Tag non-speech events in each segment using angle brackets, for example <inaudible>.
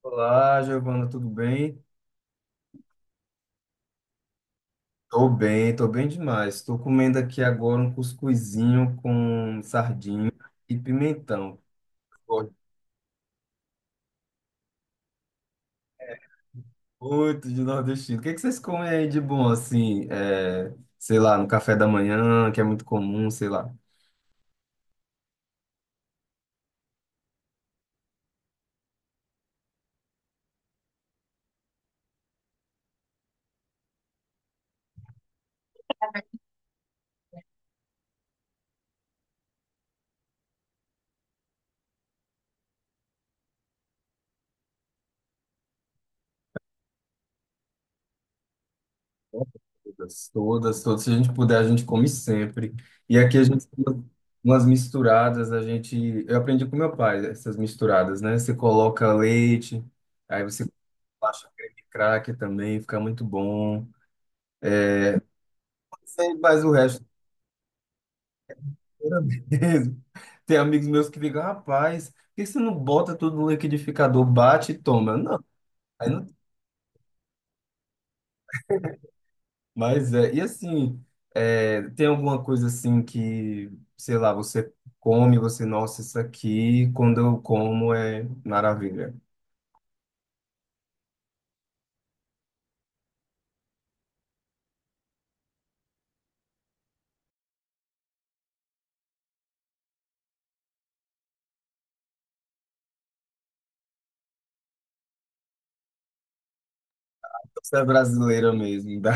Olá, Giovana, tudo bem? Tô bem, tô bem demais. Tô comendo aqui agora um cuscuzinho com sardinha e pimentão. Gosto muito de nordestino. O que é que vocês comem aí de bom, assim, é, sei lá, no café da manhã, que é muito comum, sei lá. Todas, todas, todas. Se a gente puder, a gente come sempre. E aqui a gente tem umas misturadas, a gente... Eu aprendi com meu pai essas misturadas, né? Você coloca leite, aí você baixa creme de crack também, fica muito bom. Sem mais o resto, era mesmo. <laughs> Tem amigos meus que ficam, rapaz, por que você não bota tudo no liquidificador, bate e toma? Não, aí não... Mas é, e assim, é, tem alguma coisa assim que, sei lá, você come, você, nossa, isso aqui, quando eu como é maravilha. Então, você é brasileira mesmo, dá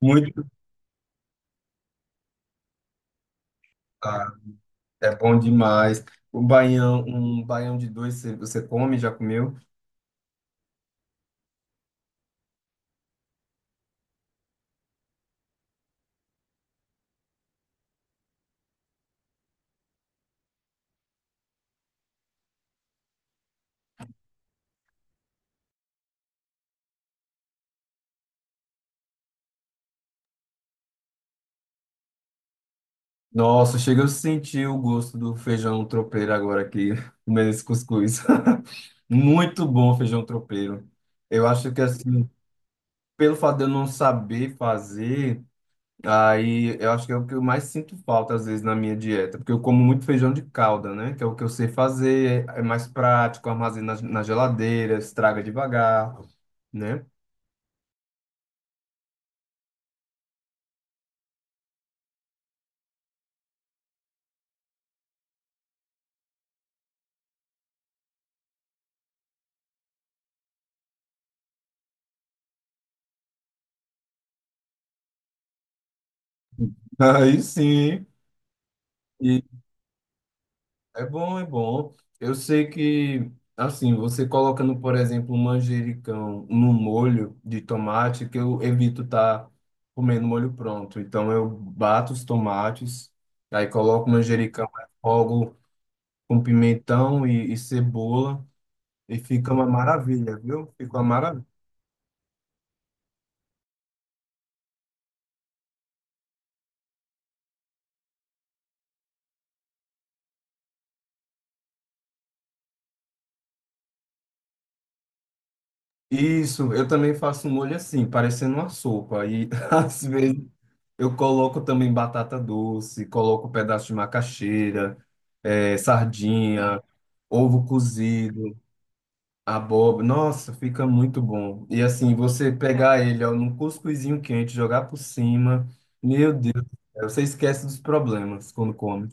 <laughs> muito, ah, é bom demais. O baião, um baião de dois, você come, já comeu? Nossa, chega eu sentir o gosto do feijão tropeiro agora aqui, <laughs> comendo esse cuscuz. <laughs> Muito bom o feijão tropeiro. Eu acho que assim, pelo fato de eu não saber fazer, aí eu acho que é o que eu mais sinto falta às vezes na minha dieta, porque eu como muito feijão de calda, né? Que é o que eu sei fazer, é mais prático, armazena na geladeira, estraga devagar, né? <laughs> Aí sim. É bom, é bom. Eu sei que, assim, você colocando, por exemplo, um manjericão no molho de tomate, que eu evito estar comendo molho pronto. Então, eu bato os tomates, aí coloco o manjericão, refogo com pimentão e cebola, e fica uma maravilha, viu? Fica uma maravilha. Isso, eu também faço um molho assim, parecendo uma sopa. E <laughs> às vezes eu coloco também batata doce, coloco um pedaço de macaxeira, eh, sardinha, ovo cozido, abóbora. Nossa, fica muito bom. E assim, você pegar ele ó, num cuscuzinho quente, jogar por cima, meu Deus, do céu, você esquece dos problemas quando come.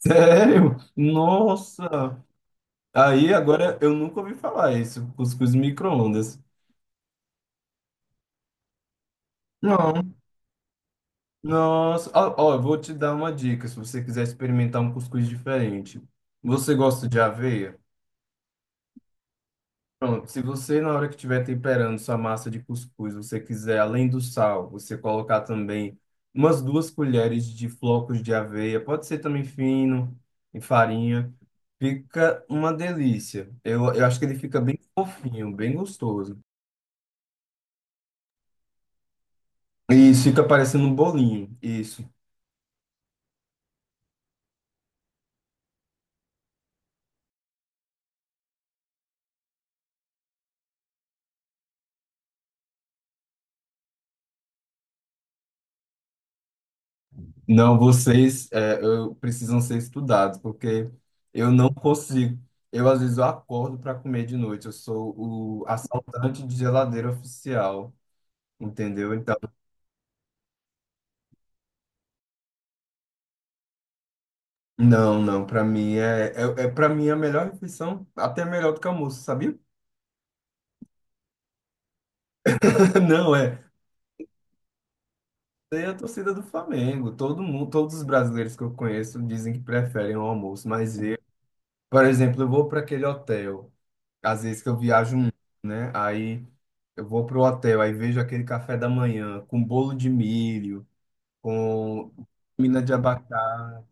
<laughs> Sério? Nossa! Aí agora eu nunca ouvi falar isso, cuscuz micro-ondas. Nossa, ó, ó, eu vou te dar uma dica se você quiser experimentar um cuscuz diferente. Você gosta de aveia? Pronto, se você na hora que estiver temperando sua massa de cuscuz, você quiser, além do sal, você colocar também umas duas colheres de flocos de aveia, pode ser também fino, em farinha, fica uma delícia. Eu acho que ele fica bem fofinho, bem gostoso. E isso fica parecendo um bolinho, isso. Não, vocês é, eu, precisam ser estudados, porque eu não consigo. Eu, às vezes, eu acordo para comer de noite. Eu sou o assaltante de geladeira oficial, entendeu? Então, não, não, para mim é, é, é para mim é a melhor refeição, até melhor do que almoço, sabia? <laughs> Não, é. Tem a torcida do Flamengo. Todo mundo, todos os brasileiros que eu conheço dizem que preferem o almoço, mas eu, por exemplo, eu vou para aquele hotel. Às vezes que eu viajo muito, né? Aí eu vou pro hotel, aí vejo aquele café da manhã com bolo de milho, com mina de abacate.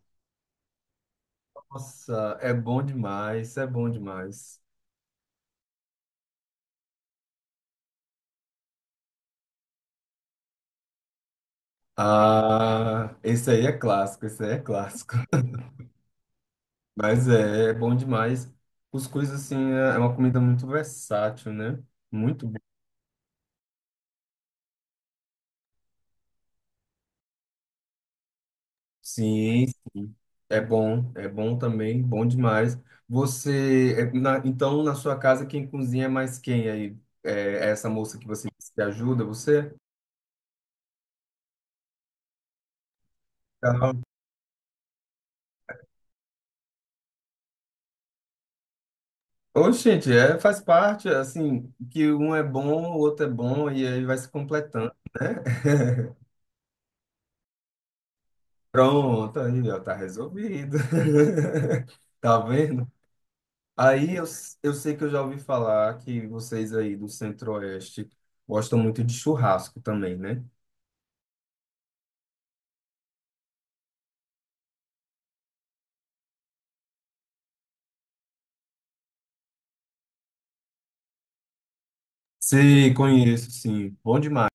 Nossa, é bom demais, é bom demais. Ah, esse aí é clássico, esse aí é clássico. <laughs> Mas é, é bom demais. Cuscuz, assim, é uma comida muito versátil, né? Muito sim, sim. É bom também, bom demais. Você, é, na- então, na sua casa, quem cozinha é mais quem aí? É essa moça que você disse que ajuda você? Tá. Ô, gente, é, faz parte, assim, que um é bom, o outro é bom, e aí vai se completando. <laughs> Pronto, aí, ó, tá resolvido. <laughs> Tá vendo? Aí eu sei que eu já ouvi falar que vocês aí do Centro-Oeste gostam muito de churrasco também, né? Sei, conheço, sim. Bom demais.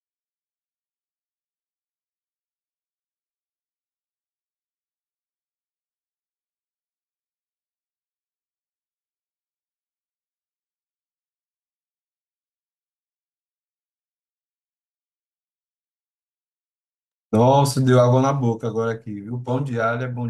Nossa, deu água na boca agora aqui, viu? Pão de alho é bom.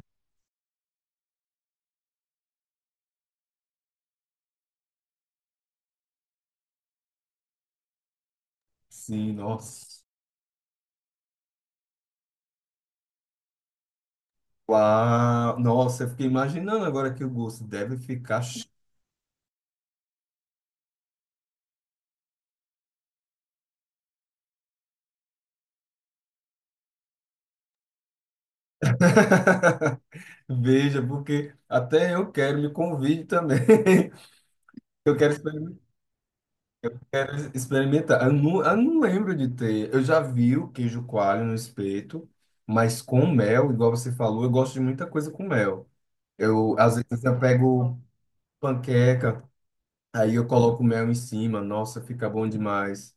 Sim, nossa. Uau, nossa, eu fiquei imaginando agora que o gosto deve ficar. Ch- <laughs> Veja, porque até eu quero, me convide também. <laughs> Eu quero experimen- quero experimentar. Eu não lembro de ter. Eu já vi o queijo coalho no espeto, mas com mel, igual você falou, eu gosto de muita coisa com mel. Eu, às vezes, eu pego panqueca. Aí eu coloco mel em cima, nossa, fica bom demais.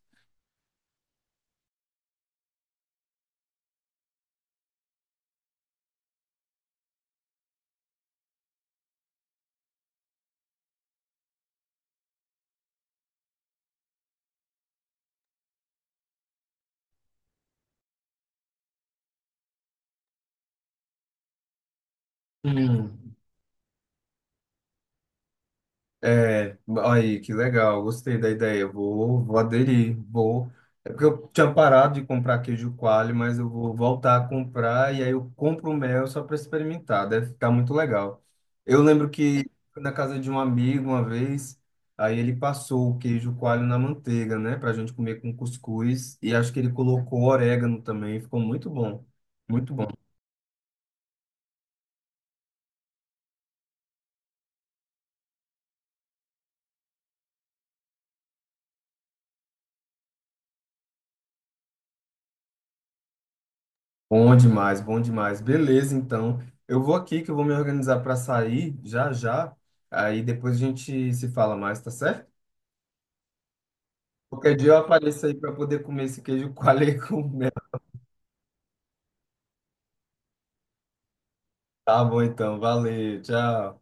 Hum. É, aí, que legal, gostei da ideia. Vou aderir, vou. É porque eu tinha parado de comprar queijo coalho, mas eu vou voltar a comprar e aí eu compro o mel só para experimentar, deve ficar muito legal. Eu lembro que fui na casa de um amigo uma vez, aí ele passou o queijo coalho na manteiga, né, pra gente comer com cuscuz e acho que ele colocou orégano também, ficou muito bom, muito bom. Bom demais, bom demais. Beleza, então. Eu vou aqui que eu vou me organizar para sair já já. Aí depois a gente se fala mais, tá certo? Qualquer dia eu apareço aí para poder comer esse queijo coalho com mel. <laughs> Tá bom, então. Valeu, tchau.